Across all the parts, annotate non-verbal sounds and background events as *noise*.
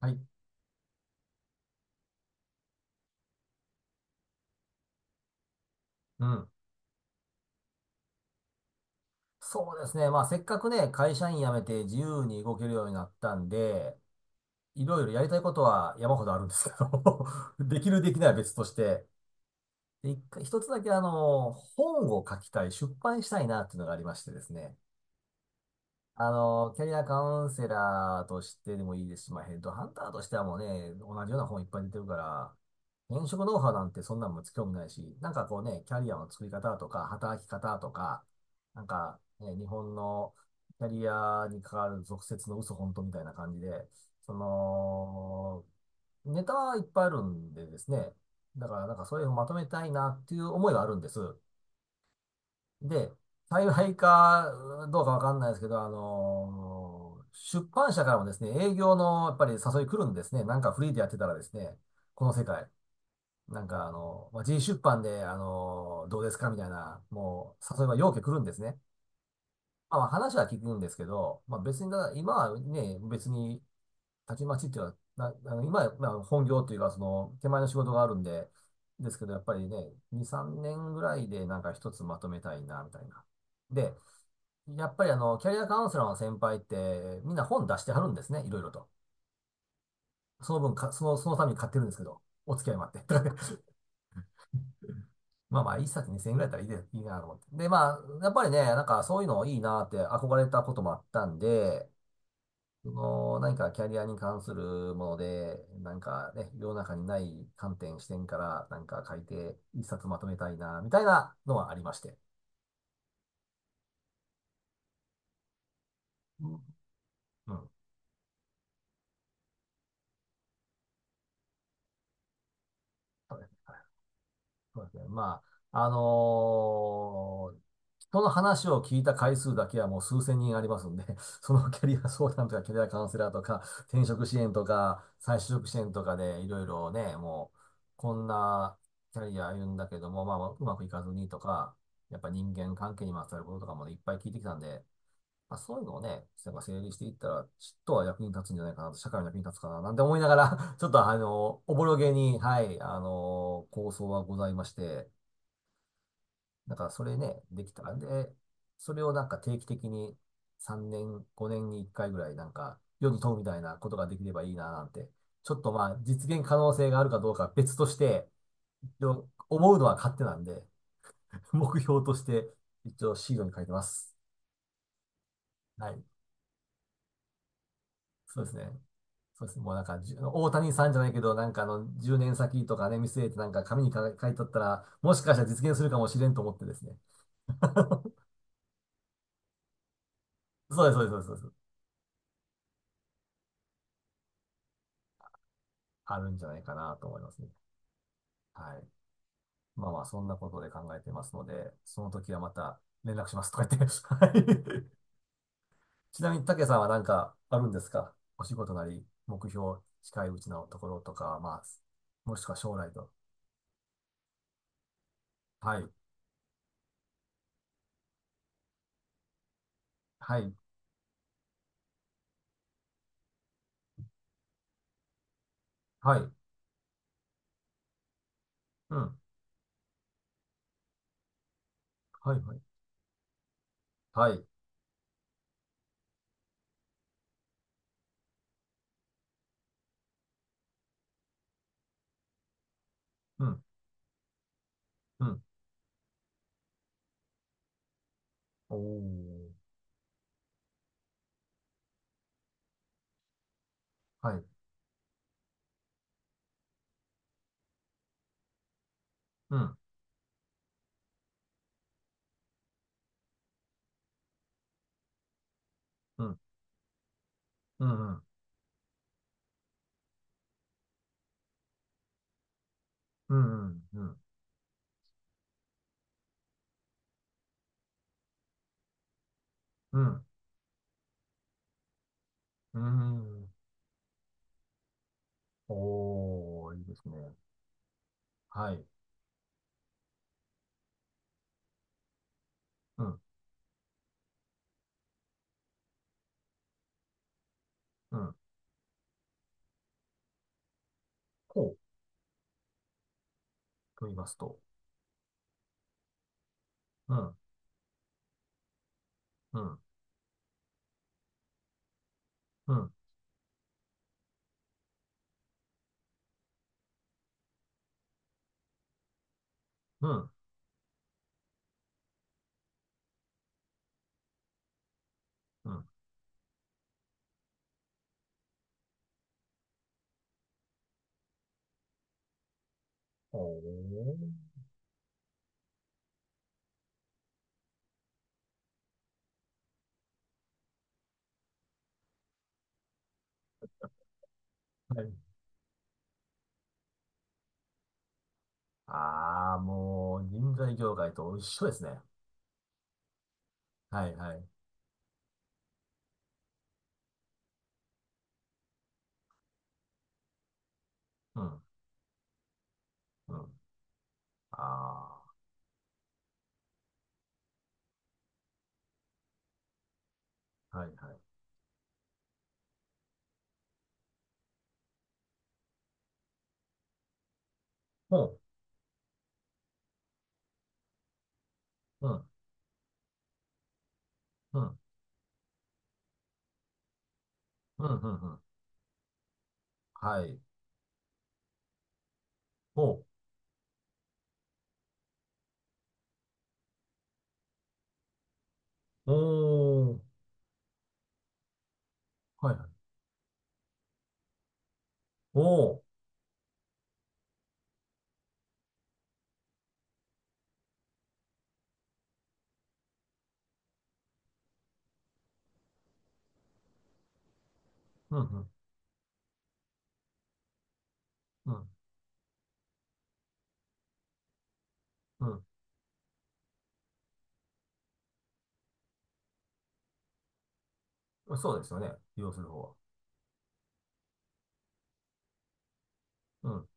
はい。うん。そうですね。まあ、せっかくね、会社員辞めて自由に動けるようになったんで、いろいろやりたいことは山ほどあるんですけど、 *laughs* できるできないは別として、で一回一つだけ本を書きたい、出版したいなっていうのがありましてですね。キャリアカウンセラーとしてでもいいですし、まあ、ヘッドハンターとしてはもうね、同じような本いっぱい出てるから、転職ノウハウなんてそんなんも興味ないし、なんかこうね、キャリアの作り方とか、働き方とか、なんか、ね、日本のキャリアに関わる俗説の嘘本当みたいな感じで、その、ネタはいっぱいあるんでですね、だからなんかそれをまとめたいなっていう思いはあるんです。で、幸いかどうかわかんないですけど、ー出版社からもですね、営業のやっぱり誘い来るんですね。なんかフリーでやってたらですね、この世界、なんかまあ、G 出版で、どうですかみたいな、もう誘いは要件来るんですね。まあまあ話は聞くんですけど、まあ別にだ、今はね、別に、たちまちっていうのは、な、あの今はまあ本業というか、その、手前の仕事があるんで、ですけど、やっぱりね、2、3年ぐらいでなんか一つまとめたいな、みたいな。で、やっぱりキャリアカウンセラーの先輩って、みんな本出してはるんですね、いろいろと。その分か、その、そのために買ってるんですけど、お付き合いもあって。*laughs* まあまあ、一冊2000円ぐらいだったらいいで、いいなと思って。で、まあ、やっぱりね、なんかそういうのいいなって憧れたこともあったんで、その、何かキャリアに関するもので、なんかね、世の中にない観点、視点から、なんか書いて、一冊まとめたいな、みたいなのはありまして。うん。うん、そうですね。まあ、人の話を聞いた回数だけはもう数千人ありますんで、*laughs* そのキャリア相談とかキャリアカウンセラーとか、転職支援とか、再就職支援とかでいろいろね、もう、こんなキャリア歩んだけども、まあ、うまくいかずにとか、やっぱ人間関係にまつわることとかもねいっぱい聞いてきたんで、まあ、そういうのをね、なんか整理していったら、ちっとは役に立つんじゃないかなと、社会の役に立つかな、なんて思いながら、 *laughs* ちょっとおぼろげに、はい、構想はございまして、なんかそれね、できたら、で、それをなんか定期的に3年、5年に1回ぐらい、なんか、世に問うみたいなことができればいいな、なんて。ちょっとまあ、実現可能性があるかどうかは別として、一応思うのは勝手なんで、*laughs* 目標として、一応シードに書いてます。はい。そうですね。そうですね。もうなんか、大谷さんじゃないけど、なんか10年先とかね、見据えてなんか紙に書いとったら、もしかしたら実現するかもしれんと思ってですね。*laughs* そうです、そうです、そうです。そうです、あるんじゃないかなと思いますね。はい。まあまあ、そんなことで考えてますので、その時はまた連絡しますとか言って。*laughs* はい。ちなみに、竹さんはなんかあるんですか？お仕事なり、目標、近いうちのところとか、まあ、もしくは将来と。はい。はい。はい。うん。はい。はい。はい。うん。うん。おお、はい。うん、うん、うん、うん、うん、うん、うん、うん、うん、おお、いいですね。はい。うん、うん、こうと言いますと、うん、うん、うん、うん、うん、おお、はい。ああ、もう、人材業界と一緒ですね。はい、はい。うん、うん、ああ、はい、はい。ほう、うん、うん、うん、うん、うん、はい。おお、おお、はい、はい。おお、うん、うん、うん、うん。そうですよね。利用する方は。うん。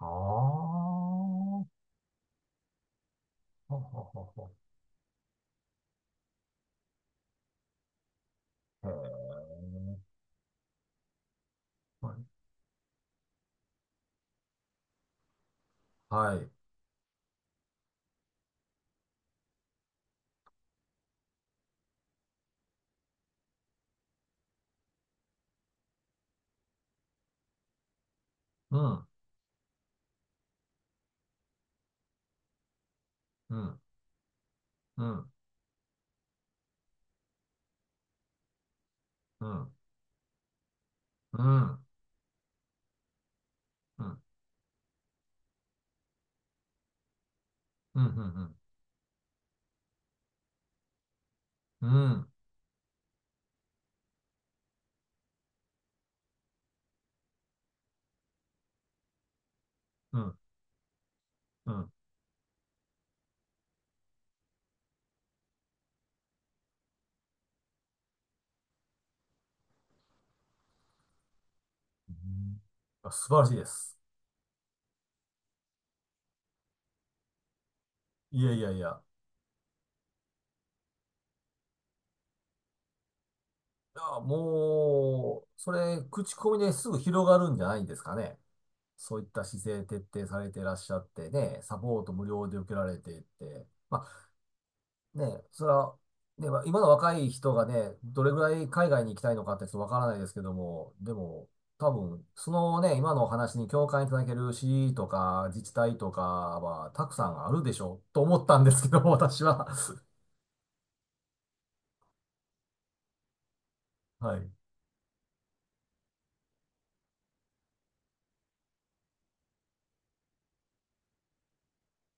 ああ、はははは。へえ。はい。はい。うん。うん。うん。うん。うん。うん。うん。うん。うん。うん。うん、うん、あ、素晴らしいです。いやいやいや。いや、もう、それ、口コミですぐ広がるんじゃないんですかね。そういった姿勢徹底されていらっしゃってね、サポート無料で受けられていって。ま、ね、それは、ね、まあ今の若い人がね、どれぐらい海外に行きたいのかってちょっとわからないですけども、でも、多分、そのね、今のお話に共感いただける市とか自治体とかはたくさんあるでしょうと思ったんですけど、*laughs* 私は。はい。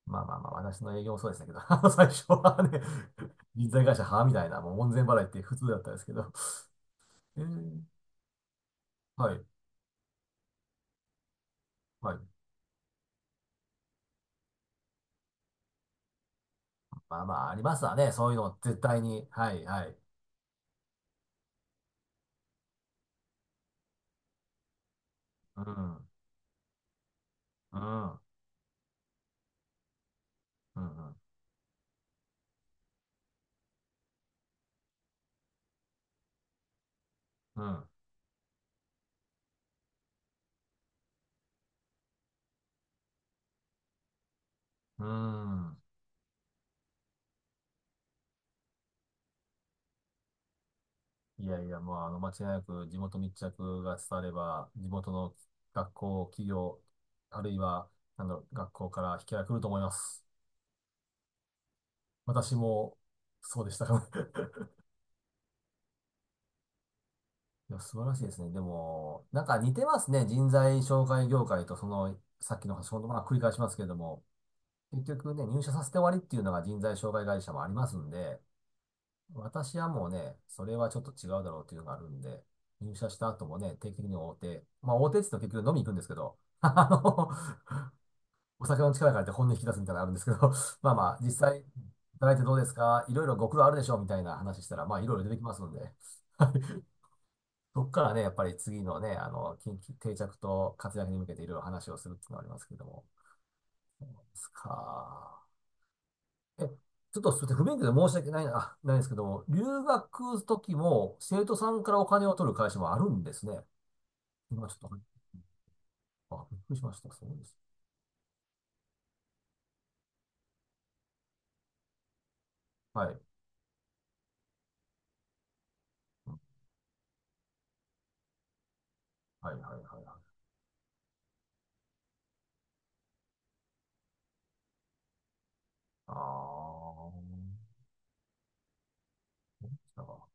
まあまあまあ、私の営業もそうでしたけど、*laughs* あの最初はね、人材会社はみたいな、もう門前払いって普通だったんですけど。えーはい。はい。まあまあ、ありますわね。そういうの、絶対に。はい、はい。うん。うん。うん。うん。うん、うん。いやいや、もうあの、間違いなく地元密着が伝われば、地元の学校、企業、あるいは、なんだろう、学校から引き合いが来ると思います。私も、そうでしたから。 *laughs* いや、*laughs* 素晴らしいですね。でも、なんか似てますね。人材紹介業界と、その、さっきの仕事、まあ、繰り返しますけれども、結局ね、入社させて終わりっていうのが人材紹介会社もありますんで、私はもうね、それはちょっと違うだろうっていうのがあるんで、入社した後もね、定期的に大手、まあ大手って言うと結局飲みに行くんですけど、*laughs* あの、お酒の力借りて本音引き出すみたいなのあるんですけど、*laughs* まあまあ、実際、働いてどうですかいろいろご苦労あるでしょうみたいな話したら、まあいろいろ出てきますので、そこからね、やっぱり次のね、あの、近畿定着と活躍に向けていろいろ話をするっていうのがありますけれども。ですか。え、ちょっとすみません、不勉強で申し訳ないな、あ、ないんですけども、留学時も生徒さんからお金を取る会社もあるんですね。今ちょっと、あ、びっくりしました。そうです。はい。はい、はい、はい、はい。あー、なんか